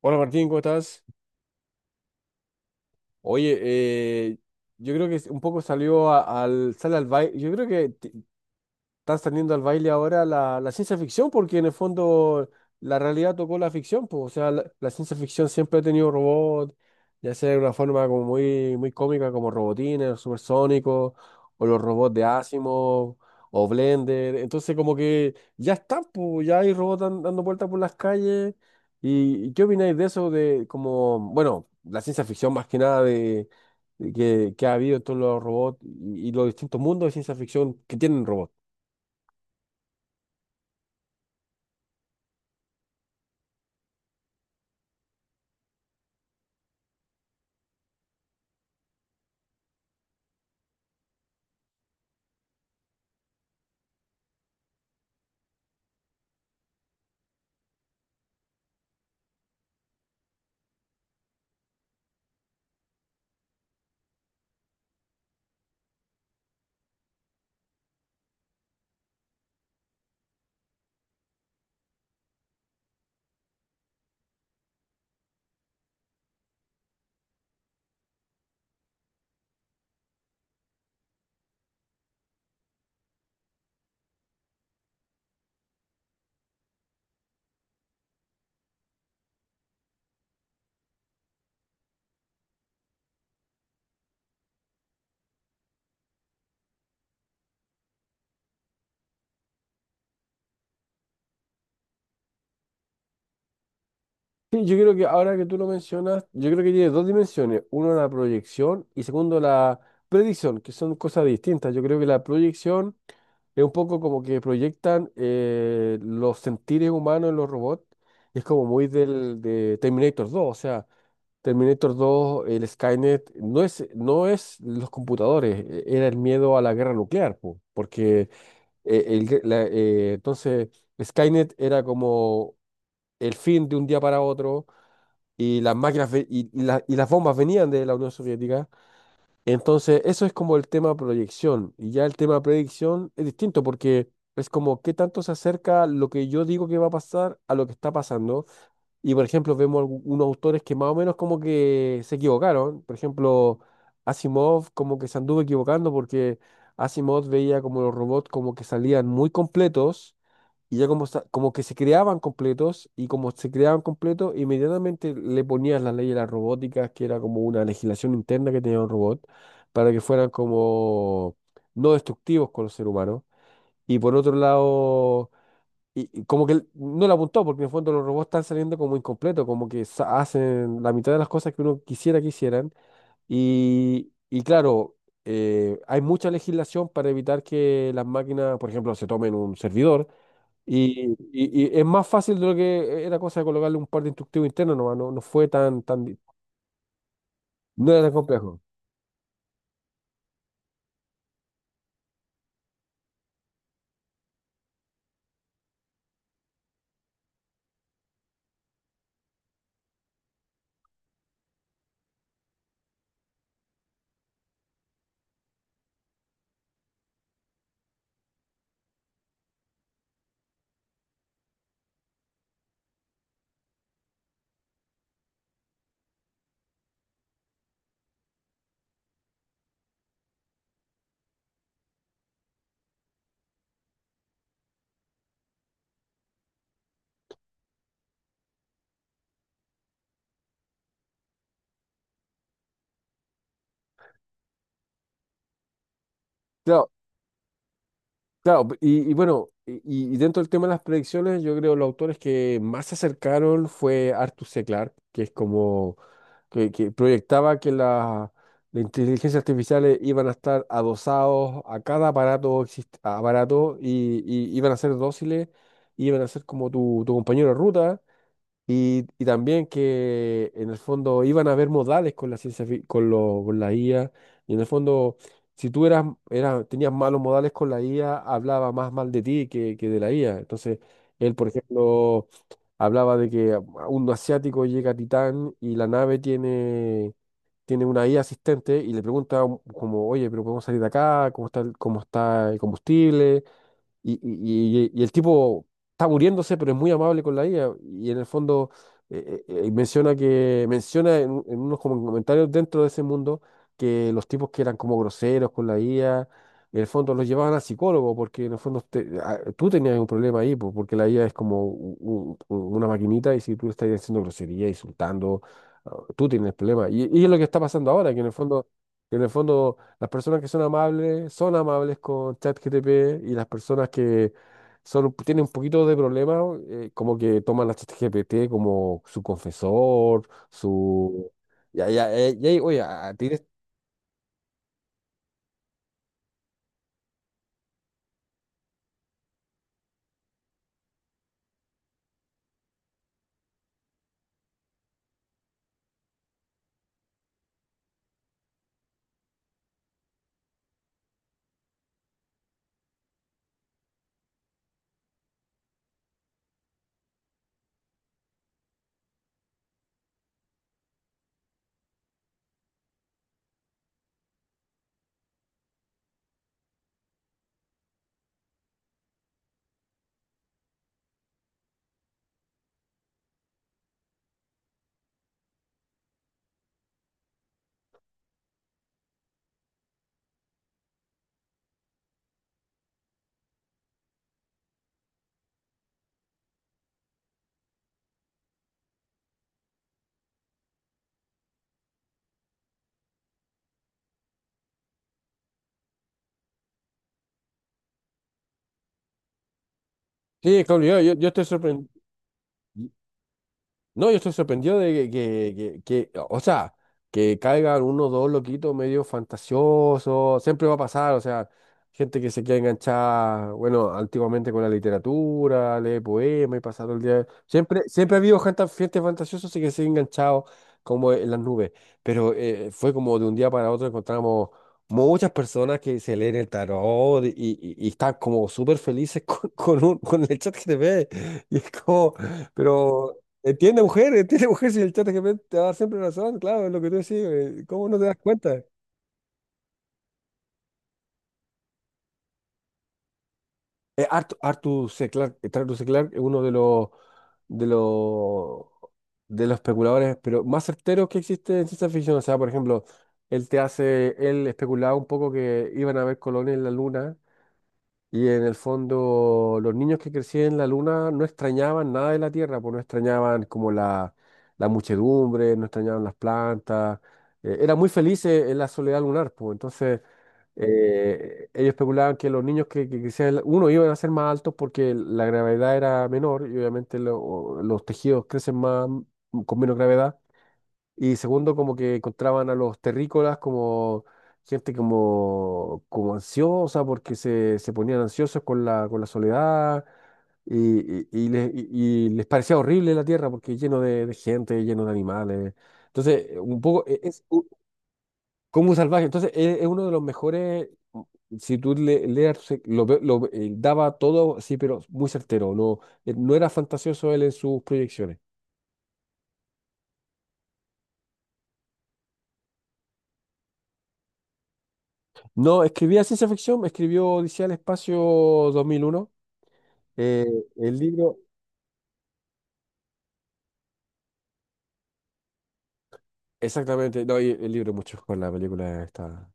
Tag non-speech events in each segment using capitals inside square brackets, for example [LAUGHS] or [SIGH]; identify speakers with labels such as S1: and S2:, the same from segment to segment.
S1: Hola Martín, ¿cómo estás? Oye, yo creo que un poco sale al baile. Yo creo que están saliendo al baile ahora la ciencia ficción, porque en el fondo la realidad tocó la ficción, pues, o sea, la ciencia ficción siempre ha tenido robots, ya sea de una forma como muy cómica, como Robotines, Supersónicos, o los robots de Asimov, o Blender, entonces como que ya están, pues, ya hay robots dando vueltas por las calles, y ¿qué opináis de eso, de como, bueno, la ciencia ficción más que nada de... de que ha habido en todos los robots y los distintos mundos de ciencia ficción que tienen robots. Sí, yo creo que ahora que tú lo mencionas, yo creo que tiene dos dimensiones. Uno, la proyección y segundo, la predicción, que son cosas distintas. Yo creo que la proyección es un poco como que proyectan los sentires humanos en los robots. Es como muy del de Terminator 2. O sea, Terminator 2, el Skynet, no es los computadores, era el miedo a la guerra nuclear, po, porque entonces Skynet era como el fin de un día para otro y las máquinas ve- y la- y las bombas venían de la Unión Soviética. Entonces, eso es como el tema proyección. Y ya el tema predicción es distinto porque es como qué tanto se acerca lo que yo digo que va a pasar a lo que está pasando. Y por ejemplo, vemos unos autores que más o menos como que se equivocaron. Por ejemplo, Asimov como que se anduvo equivocando porque Asimov veía como los robots como que salían muy completos y ya como, como que se creaban completos, y como se creaban completos, inmediatamente le ponías las leyes de la robótica que era como una legislación interna que tenía un robot, para que fueran como no destructivos con los seres humanos. Y por otro lado, y como que él no le apuntó, porque en el fondo los robots están saliendo como incompletos, como que hacen la mitad de las cosas que uno quisiera que hicieran. Y claro, hay mucha legislación para evitar que las máquinas, por ejemplo, se tomen un servidor y es más fácil de lo que era cosa de colocarle un par de instructivos internos nomás, no, no fue tan, tan, di- no era tan complejo. Claro, claro, dentro del tema de las predicciones, yo creo los autores que más se acercaron fue Arthur C. Clarke, que es como que proyectaba que la inteligencia artificial iban a estar adosados a cada aparato, aparato y iban a ser dóciles, y iban a ser como tu compañero de ruta. Y también que en el fondo iban a haber modales con la ciencia, con la IA. Y en el fondo, si tú eras, tenías malos modales con la IA, hablaba más mal de ti que de la IA. Entonces, él, por ejemplo, hablaba de que un asiático llega a Titán y la nave tiene una IA asistente y le pregunta como, oye, pero podemos salir de acá, ¿cómo está el combustible? Y el tipo está muriéndose, pero es muy amable con la IA. Y en el fondo menciona que menciona en, un- en unos como comentarios dentro de ese mundo que los tipos que eran como groseros con la IA, en el fondo los llevaban al psicólogo, porque en el fondo ah, tú tenías un problema ahí, pues, porque la IA es como una maquinita y si tú le estás haciendo grosería, insultando, ah, tú tienes problemas. Y es lo que está pasando ahora, que en el fondo... En el fondo las personas que son amables con ChatGPT y las personas que son, tienen un poquito de problema, como que toman a ChatGPT como su confesor, su... Ya, ya, ya, oye, tienes- Sí, Claudio, yo estoy sorprendido. No, yo estoy sorprendido de o sea, que caigan uno o dos loquitos medio fantasiosos, siempre va a pasar, o sea, gente que se queda enganchada, bueno, antiguamente con la literatura, lee poemas y pasa todo el día. Siempre ha habido gente, gente fantasiosa así que se ha enganchado como en las nubes, pero fue como de un día para otro encontramos muchas personas que se leen el tarot y están como súper felices [LAUGHS] con el chat GTP, y es como... Pero entiende mujer, entiende mujer, si [LAUGHS] el chat GPT te va a dar siempre razón, claro, es lo que tú decís, ¿cómo no te das cuenta? Arthur C. Clarke, Arthur C. Clarke es uno de los de los especuladores, pero más certeros que existe en ciencia ficción. O sea, por ejemplo, él te hace, él especulaba un poco que iban a haber colonias en la luna. Y en el fondo, los niños que crecían en la luna no extrañaban nada de la Tierra, pues no extrañaban como la muchedumbre, no extrañaban las plantas, eran muy felices en la soledad lunar, pues entonces ellos especulaban que los niños que crecían, uno, iban a ser más altos porque la gravedad era menor y obviamente los tejidos crecen más con menos gravedad. Y segundo, como que encontraban a los terrícolas como gente como, como ansiosa, porque se ponían ansiosos con con la soledad y, y, y les, y- y les parecía horrible la tierra porque lleno de gente, lleno de animales. Entonces, un poco es como un salvaje. Entonces, es uno de los mejores. Si tú le, leas, lo, lo, daba todo, sí, pero muy certero. No, no era fantasioso él en sus proyecciones. No, escribía ciencia ficción, escribió Odisea del Espacio 2001. Eh, el libro, exactamente, no, y el libro mucho con la película está.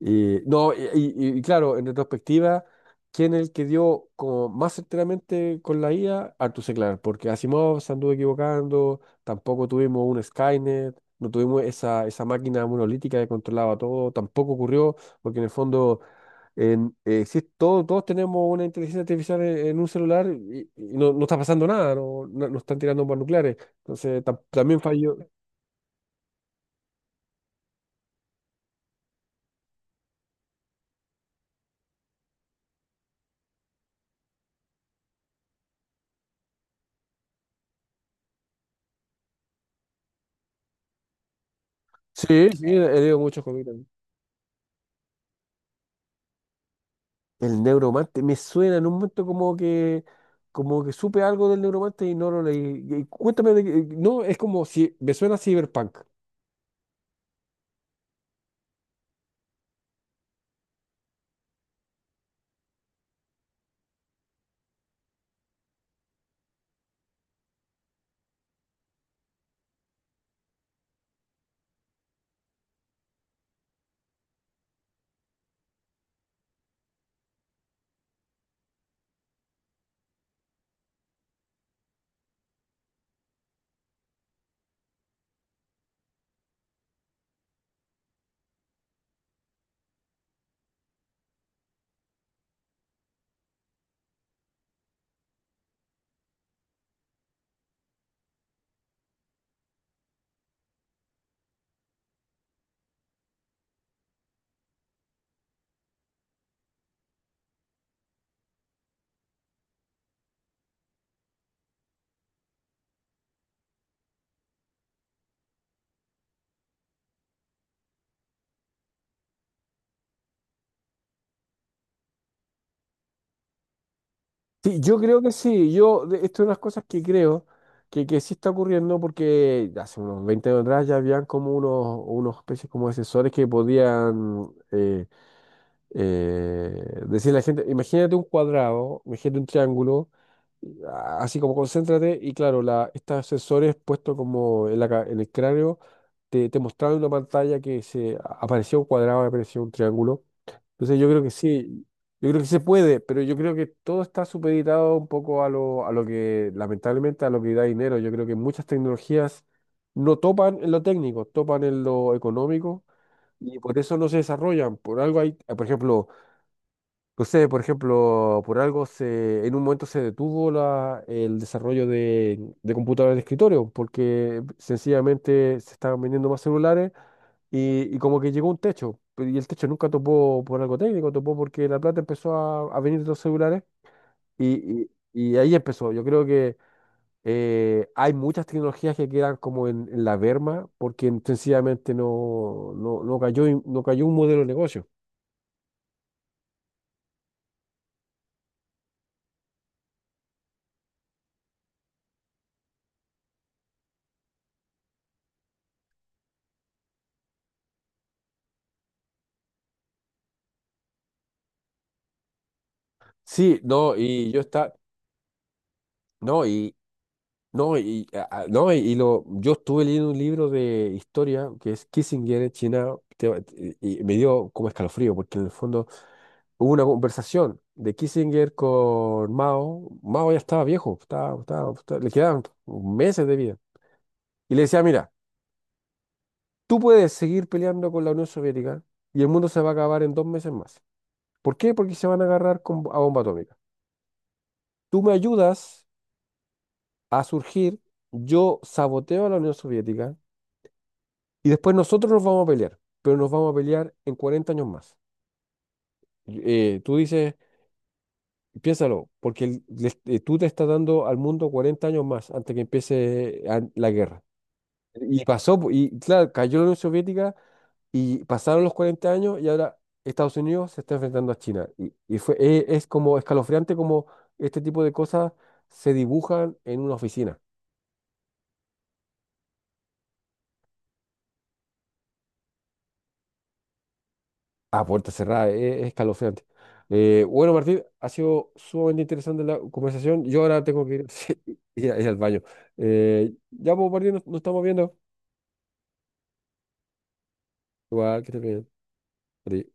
S1: Y, no, y claro, en retrospectiva, ¿quién es el que dio como más enteramente con la IA? Arthur C. Clarke, porque Asimov se anduvo equivocando, tampoco tuvimos un Skynet, no tuvimos esa máquina monolítica que controlaba todo, tampoco ocurrió, porque en el fondo todos tenemos una inteligencia artificial en un celular y no, no está pasando nada, no están tirando bombas nucleares. Entonces, también falló. Sí, sí, he leído muchos cómics. El Neuromante, me suena en un momento como que supe algo del Neuromante y no lo leí. Y cuéntame de no, es como si, me suena a Cyberpunk. Sí, yo creo que sí, yo, esto es unas cosas que creo que sí está ocurriendo porque hace unos 20 años atrás ya habían como unos, unos especies como de sensores que podían decirle a la gente, imagínate un cuadrado, imagínate un triángulo. Así como concéntrate y claro, la, estos sensores puestos como en en el cráneo te mostraban una pantalla que se aparecía un cuadrado, aparecía un triángulo. Entonces yo creo que sí, yo creo que se puede, pero yo creo que todo está supeditado un poco a lo que, lamentablemente, a lo que da dinero. Yo creo que muchas tecnologías no topan en lo técnico, topan en lo económico y por eso no se desarrollan. Por algo hay, por ejemplo, no sé, por ejemplo, por algo se, en un momento se detuvo la, el desarrollo de computadoras de escritorio, porque sencillamente se estaban vendiendo más celulares y como que llegó un techo, pero- y el techo nunca topó por algo técnico, topó porque la plata empezó a venir de los celulares y ahí empezó. Yo creo que hay muchas tecnologías que quedan como en la berma porque sencillamente no cayó, no cayó un modelo de negocio. Sí, no, y yo está... No, no, y, no, yo estuve leyendo un libro de historia que es Kissinger en China y me dio como escalofrío porque en el fondo hubo una conversación de Kissinger con Mao. Mao ya estaba viejo, le quedaban meses de vida. Y le decía, mira, tú puedes seguir peleando con la Unión Soviética y el mundo se va a acabar en 2 meses más. ¿Por qué? Porque se van a agarrar con, a bomba atómica. Tú me ayudas a surgir, yo saboteo a la Unión Soviética. Y después nosotros nos vamos a pelear, pero nos vamos a pelear en 40 años más. Y, tú dices, piénsalo, porque tú te estás dando al mundo 40 años más antes que empiece la guerra. Y pasó, po, y claro, cayó la Unión Soviética y pasaron los 40 años y ahora Estados Unidos se está enfrentando a China. Y fue, es como escalofriante como este tipo de cosas se dibujan en una oficina. A puerta cerrada, es escalofriante. Bueno, Martín, ha sido sumamente interesante la conversación. Yo ahora tengo que ir, [LAUGHS] sí, ir ir al baño. Ya, pues, Martín, nos estamos viendo. Igual, que estés bien. Adiós.